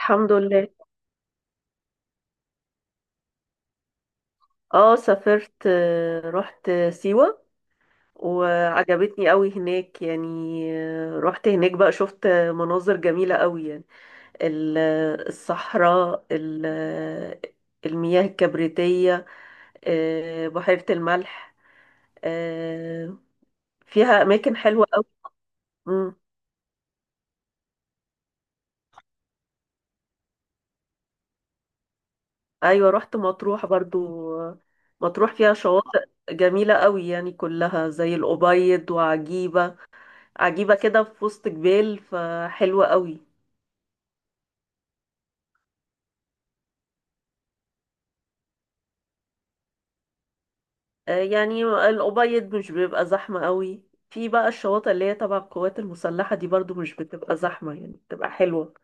الحمد لله. اه، سافرت، رحت سيوة وعجبتني قوي هناك يعني. رحت هناك بقى، شفت مناظر جميلة قوي يعني. ال- الصحراء، المياه الكبريتية، بحيرة الملح. آه، فيها أماكن حلوة قوي. مم. أيوة، رحت مطروح برضو. آه، مطروح فيها شواطئ جميلة قوي يعني، كلها زي الأبيض، وعجيبة عجيبة كده في وسط جبال، فحلوة قوي. يعني الأبيض مش بيبقى زحمة قوي. في بقى الشواطئ اللي هي تبع القوات المسلحة دي برضو مش بتبقى زحمة، يعني بتبقى حلوة.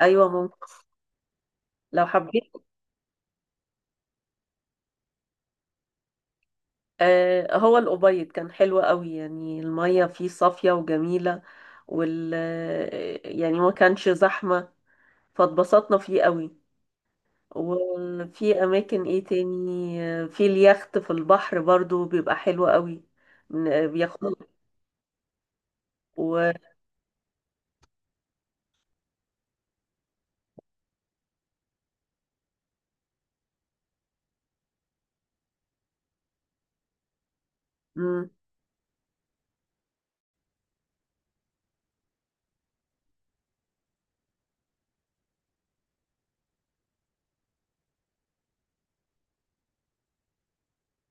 أيوة ممكن، لو حبيت. هو الأبيض كان حلو قوي، يعني المية فيه صافية وجميلة، وال آه، يعني ما كانش زحمة، فاتبسطنا فيه قوي. وفي أماكن إيه تاني؟ في اليخت، في البحر برضو بيبقى حلو قوي. بياخدوا. مم.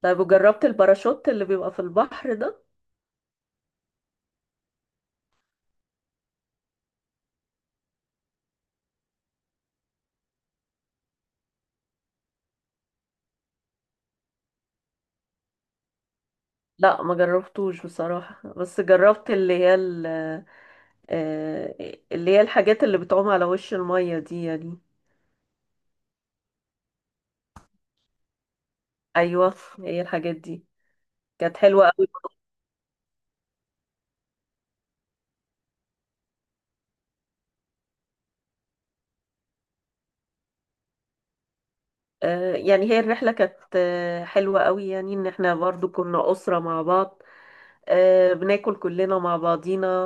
طيب، وجربت الباراشوت اللي بيبقى في البحر ده؟ لا، ما جربتوش بصراحة، بس جربت اللي هي آه، اللي هي الحاجات اللي بتعوم على وش المية دي يعني. ايوه، هي الحاجات دي. كانت حلوة قوي. يعني هي الرحلة كانت حلوة قوي، يعني ان احنا برضو كنا أسرة مع بعض. بناكل كلنا مع بعضينا،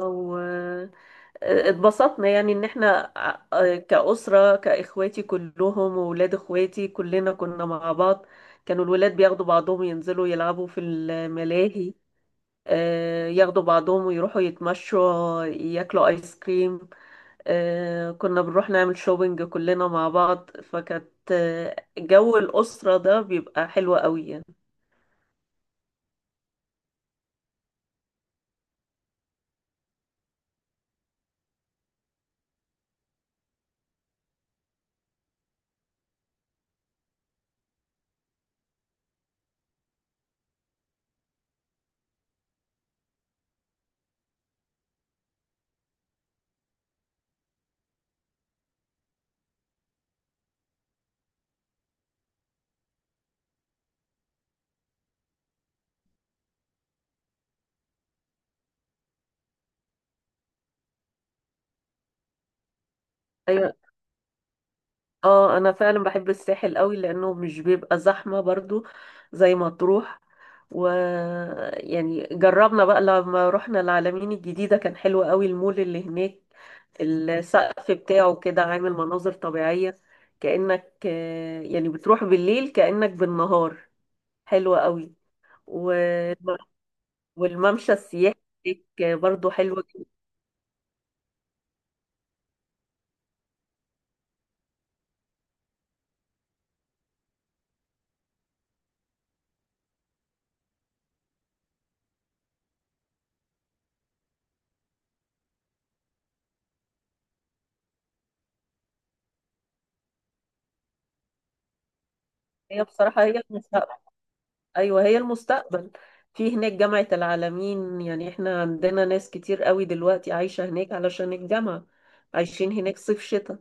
اتبسطنا. يعني ان احنا كأسرة، كإخواتي كلهم وولاد اخواتي، كلنا كنا مع بعض. كانوا الولاد بياخدوا بعضهم، ينزلوا يلعبوا في الملاهي، ياخدوا بعضهم ويروحوا يتمشوا، ياكلوا ايس كريم. كنا بنروح نعمل شوبينج كلنا مع بعض، فكانت جو الأسرة ده بيبقى حلو قوي يعني. أيوة. اه، انا فعلا بحب الساحل قوي لانه مش بيبقى زحمة برضو، زي مطروح. و يعني جربنا بقى لما رحنا العلمين الجديدة، كان حلو قوي المول اللي هناك، السقف بتاعه كده عامل مناظر طبيعية، كأنك يعني بتروح بالليل كأنك بالنهار. حلوة قوي. و... والممشى السياحي هناك برضو حلوة جدا. هي بصراحة، هي ايوه هي المستقبل. في هناك جامعة العالمين، يعني احنا عندنا ناس كتير قوي دلوقتي عايشة هناك علشان الجامعة. عايشين هناك صيف شتاء.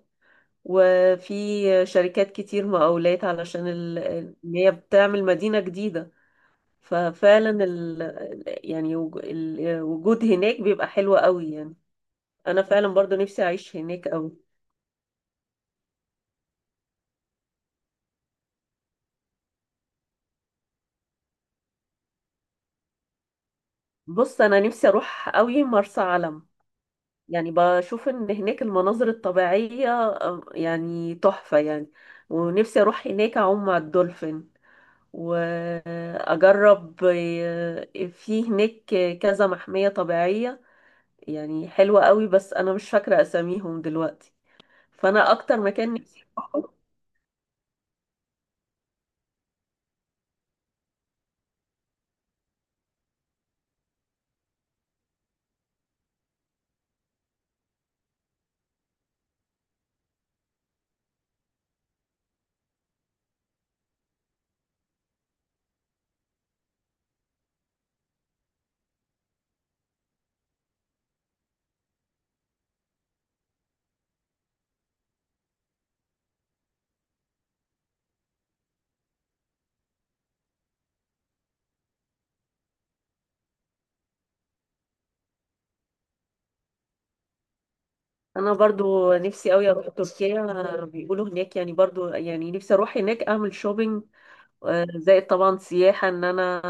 وفي شركات كتير مقاولات علشان ان هي بتعمل مدينة جديدة. ففعلا الوجود هناك بيبقى حلو قوي يعني. انا فعلا برضو نفسي اعيش هناك قوي. بص، انا نفسي اروح قوي مرسى علم، يعني بشوف ان هناك المناظر الطبيعية يعني تحفة يعني. ونفسي اروح هناك اعوم مع الدولفين، واجرب في هناك كذا محمية طبيعية، يعني حلوة قوي. بس انا مش فاكرة اساميهم دلوقتي. فانا اكتر مكان نفسي أروحه- انا برضو نفسي قوي اروح تركيا. بيقولوا هناك يعني برضو، يعني نفسي اروح هناك اعمل شوبينج، زائد طبعا سياحة. ان انا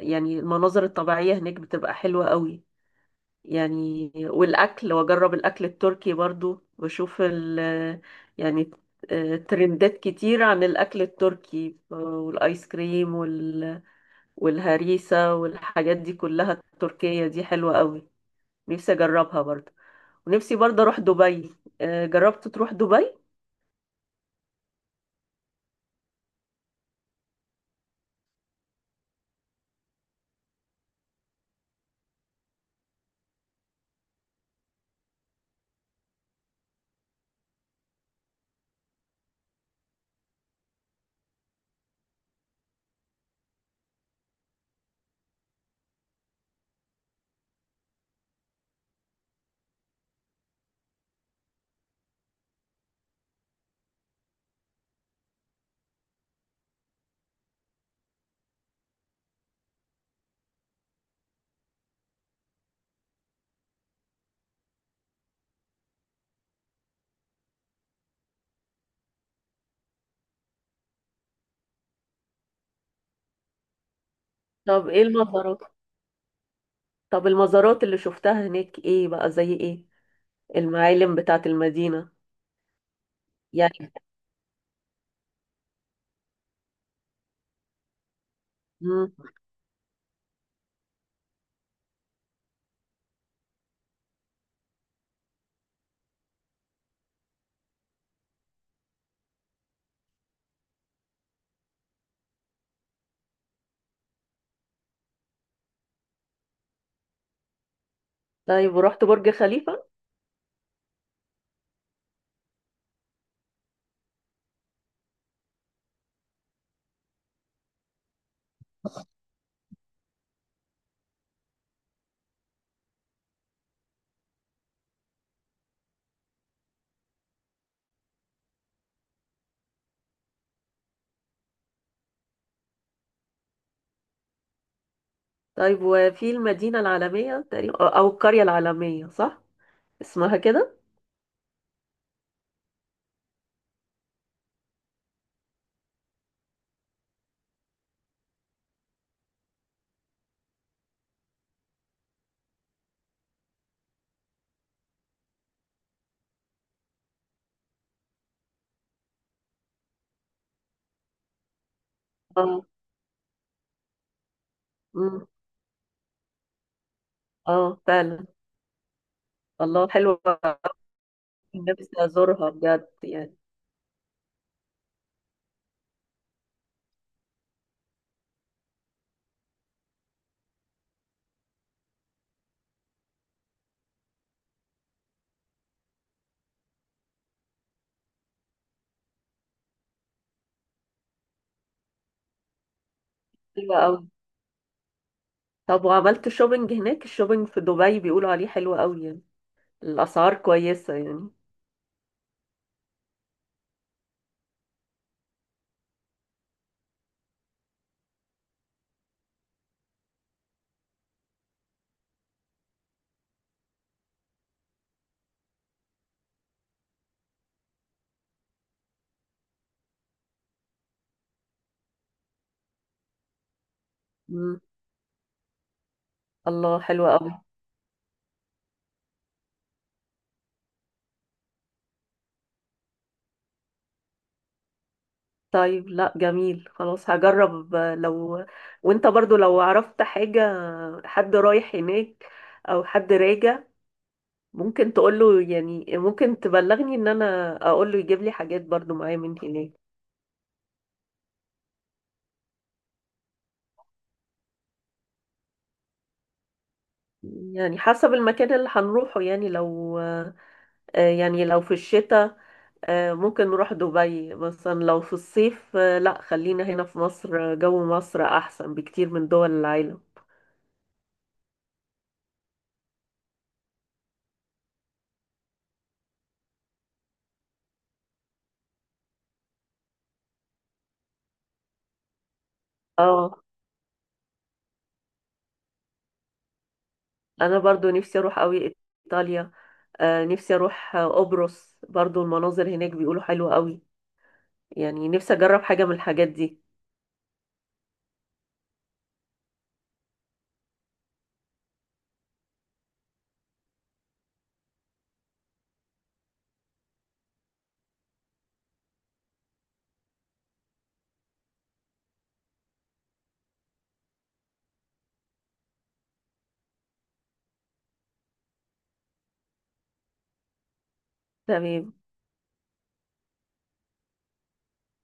يعني المناظر الطبيعية هناك بتبقى حلوة قوي يعني، والأكل. وأجرب الأكل التركي برضو، وأشوف ال يعني ترندات كتير عن الأكل التركي. والآيس كريم والهريسة والحاجات دي كلها، التركية دي حلوة قوي. نفسي أجربها برضو. ونفسي برضو أروح دبي. جربت تروح دبي؟ طب إيه المزارات؟ طب، المزارات اللي شفتها هناك إيه بقى، زي إيه؟ المعالم بتاعت المدينة يعني. مم. طيب، ورحت برج خليفة؟ طيب، وفي المدينة العالمية تقريبا، أو القرية العالمية، صح؟ اسمها كده. اه. أمم. اه فعلا. الله، حلوة. نفسي أزورها بجد يعني. حلوة أوي. طب، وعملت شوبينج هناك؟ الشوبينج في دبي بيقولوا عليه حلو أوي يعني، الأسعار كويسة يعني. أمم. الله، حلوة أوي. طيب، لا، جميل، خلاص هجرب. لو وانت برضو لو عرفت حاجة، حد رايح هناك، أو حد راجع، ممكن تقوله، يعني ممكن تبلغني ان انا اقوله يجيب لي حاجات برضو معايا من هناك. يعني حسب المكان اللي هنروحه يعني، لو يعني لو في الشتاء، ممكن نروح دبي مثلا. لو في الصيف، لا، خلينا هنا في مصر. جو مصر احسن بكتير من دول العالم. اه، انا برضو نفسي اروح قوي ايطاليا. نفسي اروح قبرص برضو، المناظر هناك بيقولوا حلوة قوي. يعني نفسي اجرب حاجة من الحاجات دي. تمام.